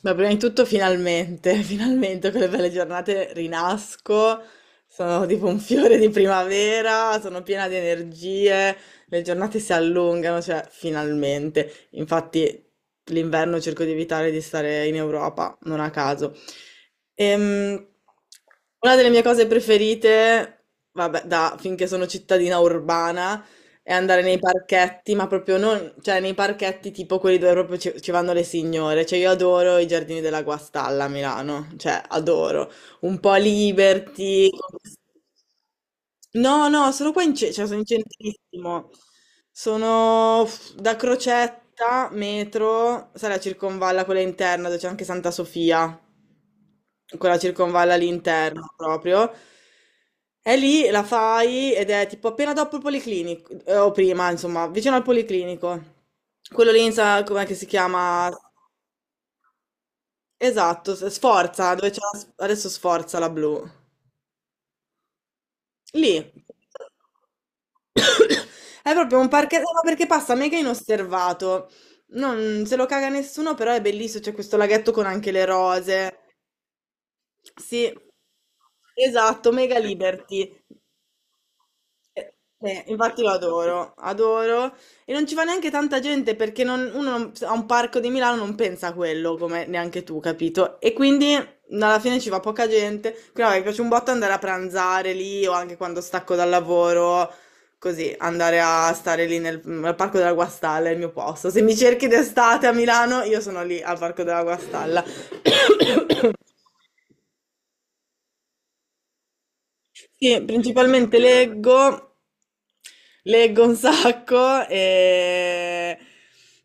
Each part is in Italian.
Beh, prima di tutto finalmente, finalmente con le belle giornate rinasco, sono tipo un fiore di primavera, sono piena di energie, le giornate si allungano, cioè finalmente. Infatti l'inverno cerco di evitare di stare in Europa, non a caso. Ehm, una delle mie cose preferite, vabbè, da finché sono cittadina urbana, e andare nei parchetti, ma proprio non, cioè nei parchetti tipo quelli dove proprio ci vanno le signore. Cioè io adoro i giardini della Guastalla a Milano, cioè adoro. Un po' Liberty. No, no, sono qua cioè, sono in centrissimo. Sono da Crocetta, metro, sai la circonvalla quella interna dove c'è anche Santa Sofia, quella circonvalla all'interno proprio. E lì la fai ed è tipo appena dopo il policlinico, o prima, insomma, vicino al policlinico. Quello lì, sa com'è che si chiama? Esatto, Sforza, dove c'è adesso Sforza la blu. Lì. È proprio un parchetto, ma perché passa mega inosservato. Non se lo caga nessuno, però è bellissimo, c'è questo laghetto con anche le rose. Sì, esatto, mega liberty. Eh, infatti lo adoro, adoro. E non ci va neanche tanta gente perché non- uno non- a un parco di Milano non pensa a quello, come neanche tu, capito? E quindi alla fine ci va poca gente. Però mi piace un botto andare a pranzare lì o anche quando stacco dal lavoro, così, andare a stare lì al Parco della Guastalla, è il mio posto. Se mi cerchi d'estate a Milano, io sono lì al Parco della Guastalla. Sì, principalmente leggo, leggo un sacco e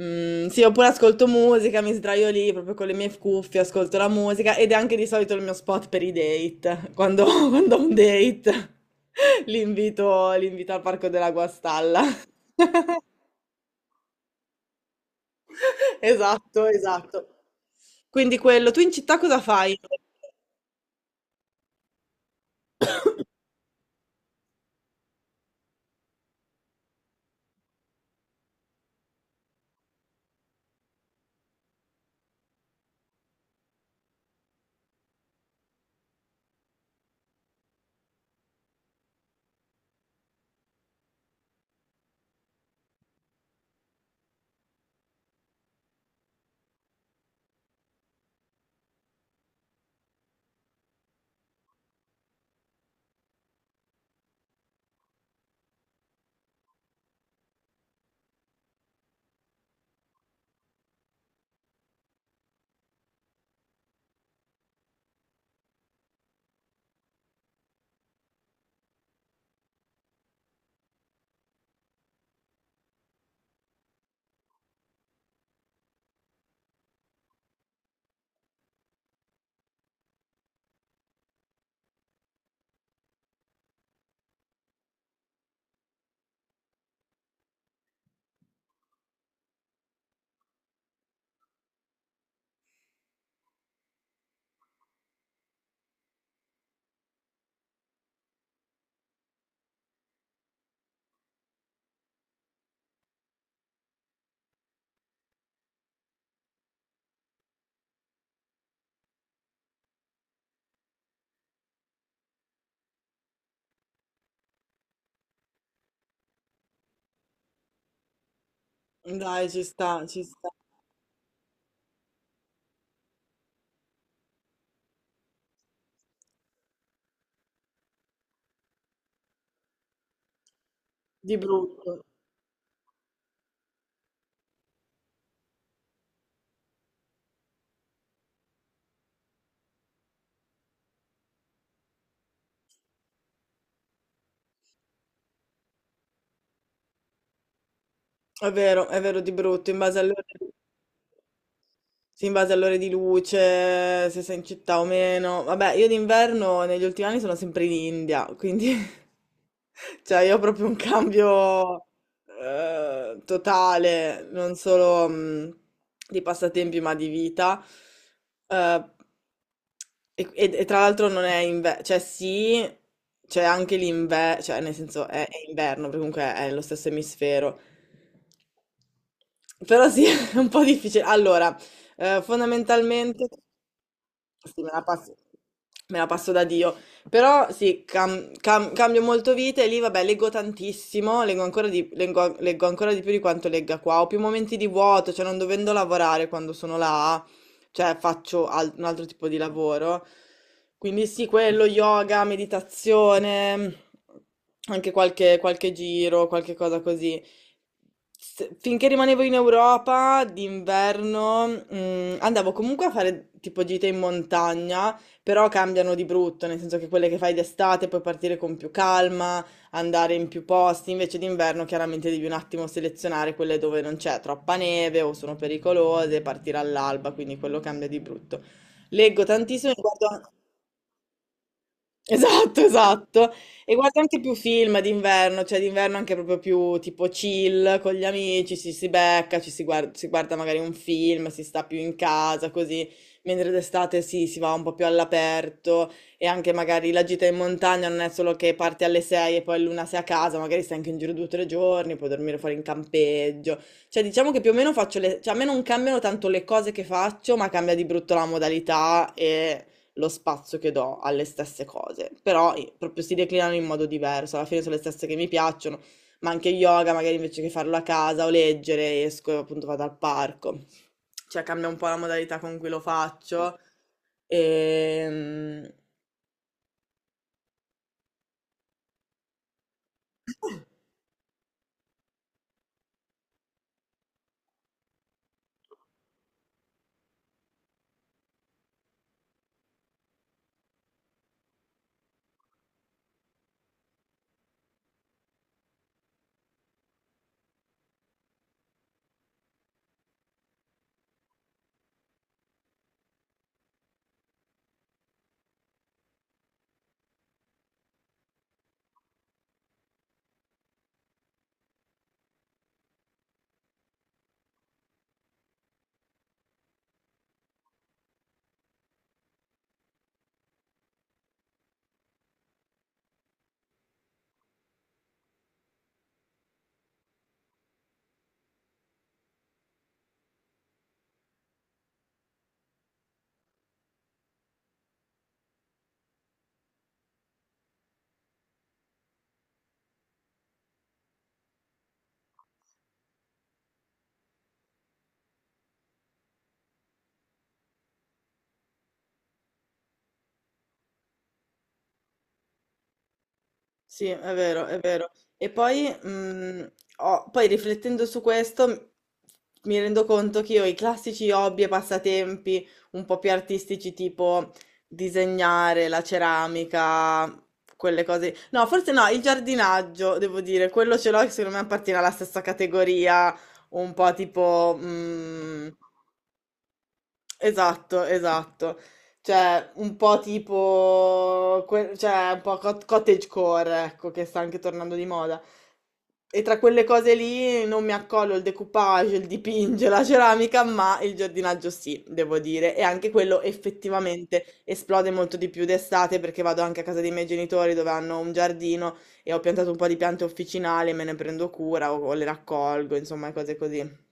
sì, oppure ascolto musica, mi sdraio lì proprio con le mie cuffie, ascolto la musica ed è anche di solito il mio spot per i date, quando, quando ho un date li invito al Parco della Guastalla. Esatto, esatto. Quindi quello, tu in città cosa fai? Dai, ci sta, ci sta. Di brutto. È vero, di brutto, in base alle ore. Sì, in base alle ore di luce, se sei in città o meno. Vabbè, io d'inverno negli ultimi anni sono sempre in India, quindi cioè io ho proprio un cambio totale, non solo di passatempi, ma di vita. Eh, e tra l'altro non è inverno, cioè sì, c'è anche l'inverno, cioè nel senso è inverno, perché comunque è nello stesso emisfero. Però sì, è un po' difficile. Allora, fondamentalmente, sì, me la passo da Dio, però sì, cambio molto vita e lì, vabbè, leggo tantissimo, leggo ancora di più di quanto legga qua, ho più momenti di vuoto, cioè non dovendo lavorare quando sono là, cioè faccio un altro tipo di lavoro, quindi sì, quello, yoga, meditazione, anche qualche giro, qualche cosa così finché rimanevo in Europa d'inverno, andavo comunque a fare tipo gite in montagna, però cambiano di brutto, nel senso che quelle che fai d'estate puoi partire con più calma, andare in più posti, invece d'inverno chiaramente devi un attimo selezionare quelle dove non c'è troppa neve o sono pericolose, partire all'alba, quindi quello cambia di brutto. Leggo tantissimo, guardo. Esatto, esatto. E guarda anche più film d'inverno, cioè d'inverno anche proprio più tipo chill con gli amici, ci si becca, ci si guarda magari un film, si sta più in casa, così, mentre d'estate sì, si va un po' più all'aperto e anche magari la gita in montagna non è solo che parti alle 6 e poi l'una sei a casa, magari stai anche in giro 2 o 3 giorni, puoi dormire fuori in campeggio. Cioè diciamo che più o meno faccio le, cioè a me non cambiano tanto le cose che faccio, ma cambia di brutto la modalità, lo spazio che do alle stesse cose, però proprio si declinano in modo diverso, alla fine sono le stesse che mi piacciono, ma anche yoga, magari invece che farlo a casa o leggere, esco e appunto vado al parco, cioè cambia un po' la modalità con cui lo faccio. Ehm, Sì, è vero, è vero. E poi, poi riflettendo su questo, mi rendo conto che io i classici hobby e passatempi un po' più artistici, tipo disegnare, la ceramica, quelle cose. No, forse no, il giardinaggio, devo dire, quello ce l'ho che secondo me appartiene alla stessa categoria, un po' tipo, esatto, esatto. Cioè, un po' tipo, cioè, un po' cottagecore, ecco, che sta anche tornando di moda. E tra quelle cose lì non mi accollo il decoupage, il dipinge, la ceramica, ma il giardinaggio sì, devo dire. E anche quello effettivamente esplode molto di più d'estate perché vado anche a casa dei miei genitori dove hanno un giardino e ho piantato un po' di piante officinali, me ne prendo cura o le raccolgo, insomma, cose così.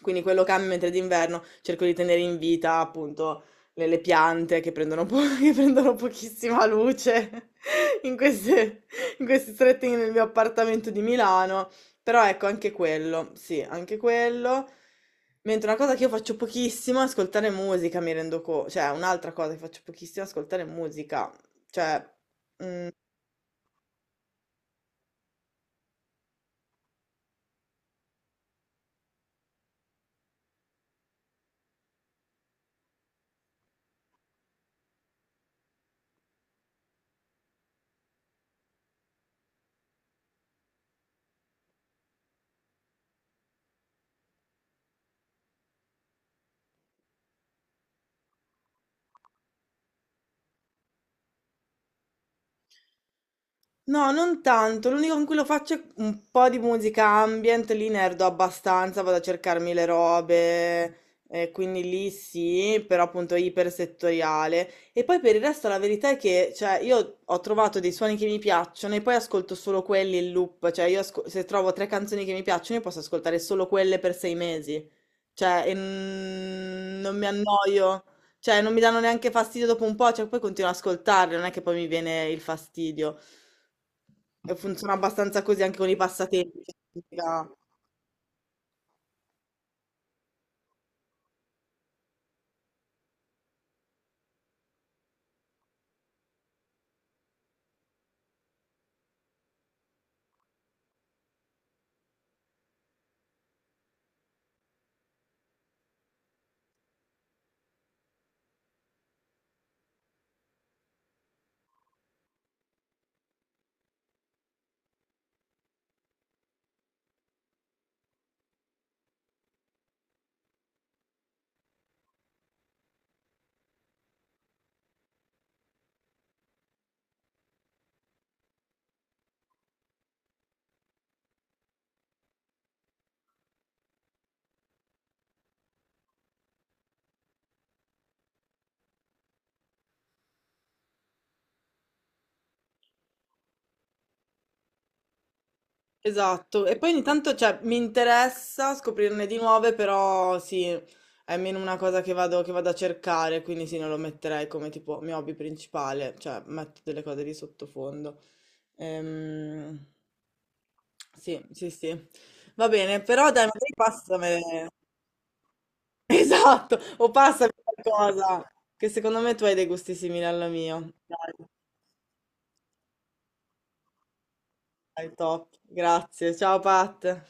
Quindi quello cambia, mentre d'inverno cerco di tenere in vita appunto le piante che prendono, che prendono pochissima luce in queste, in questi stretti nel mio appartamento di Milano. Però ecco, anche quello, sì, anche quello. Mentre una cosa che io faccio pochissimo è ascoltare musica, mi rendo conto, cioè un'altra cosa che faccio pochissimo è ascoltare musica. Cioè, mm, no, non tanto. L'unico con cui lo faccio è un po' di musica ambient, lì nerdo abbastanza, vado a cercarmi le robe, quindi lì sì, però appunto è ipersettoriale. E poi per il resto la verità è che, cioè, io ho trovato dei suoni che mi piacciono e poi ascolto solo quelli in loop, cioè io se trovo tre canzoni che mi piacciono io posso ascoltare solo quelle per 6 mesi, cioè e non mi annoio, cioè non mi danno neanche fastidio dopo un po', cioè poi continuo ad ascoltarle, non è che poi mi viene il fastidio. E funziona abbastanza così anche con i passatempi. Cioè, ti spiega. Esatto. E poi ogni tanto, cioè, mi interessa scoprirne di nuove, però sì, è meno una cosa che vado, a cercare, quindi sì, non lo metterei come tipo mio hobby principale, cioè metto delle cose di sottofondo. Ehm, sì, sì, sì. Va bene, però dai, magari passami. Esatto, o passami qualcosa, che secondo me tu hai dei gusti simili al mio. Dai. Dai, top. Grazie. Ciao Pat.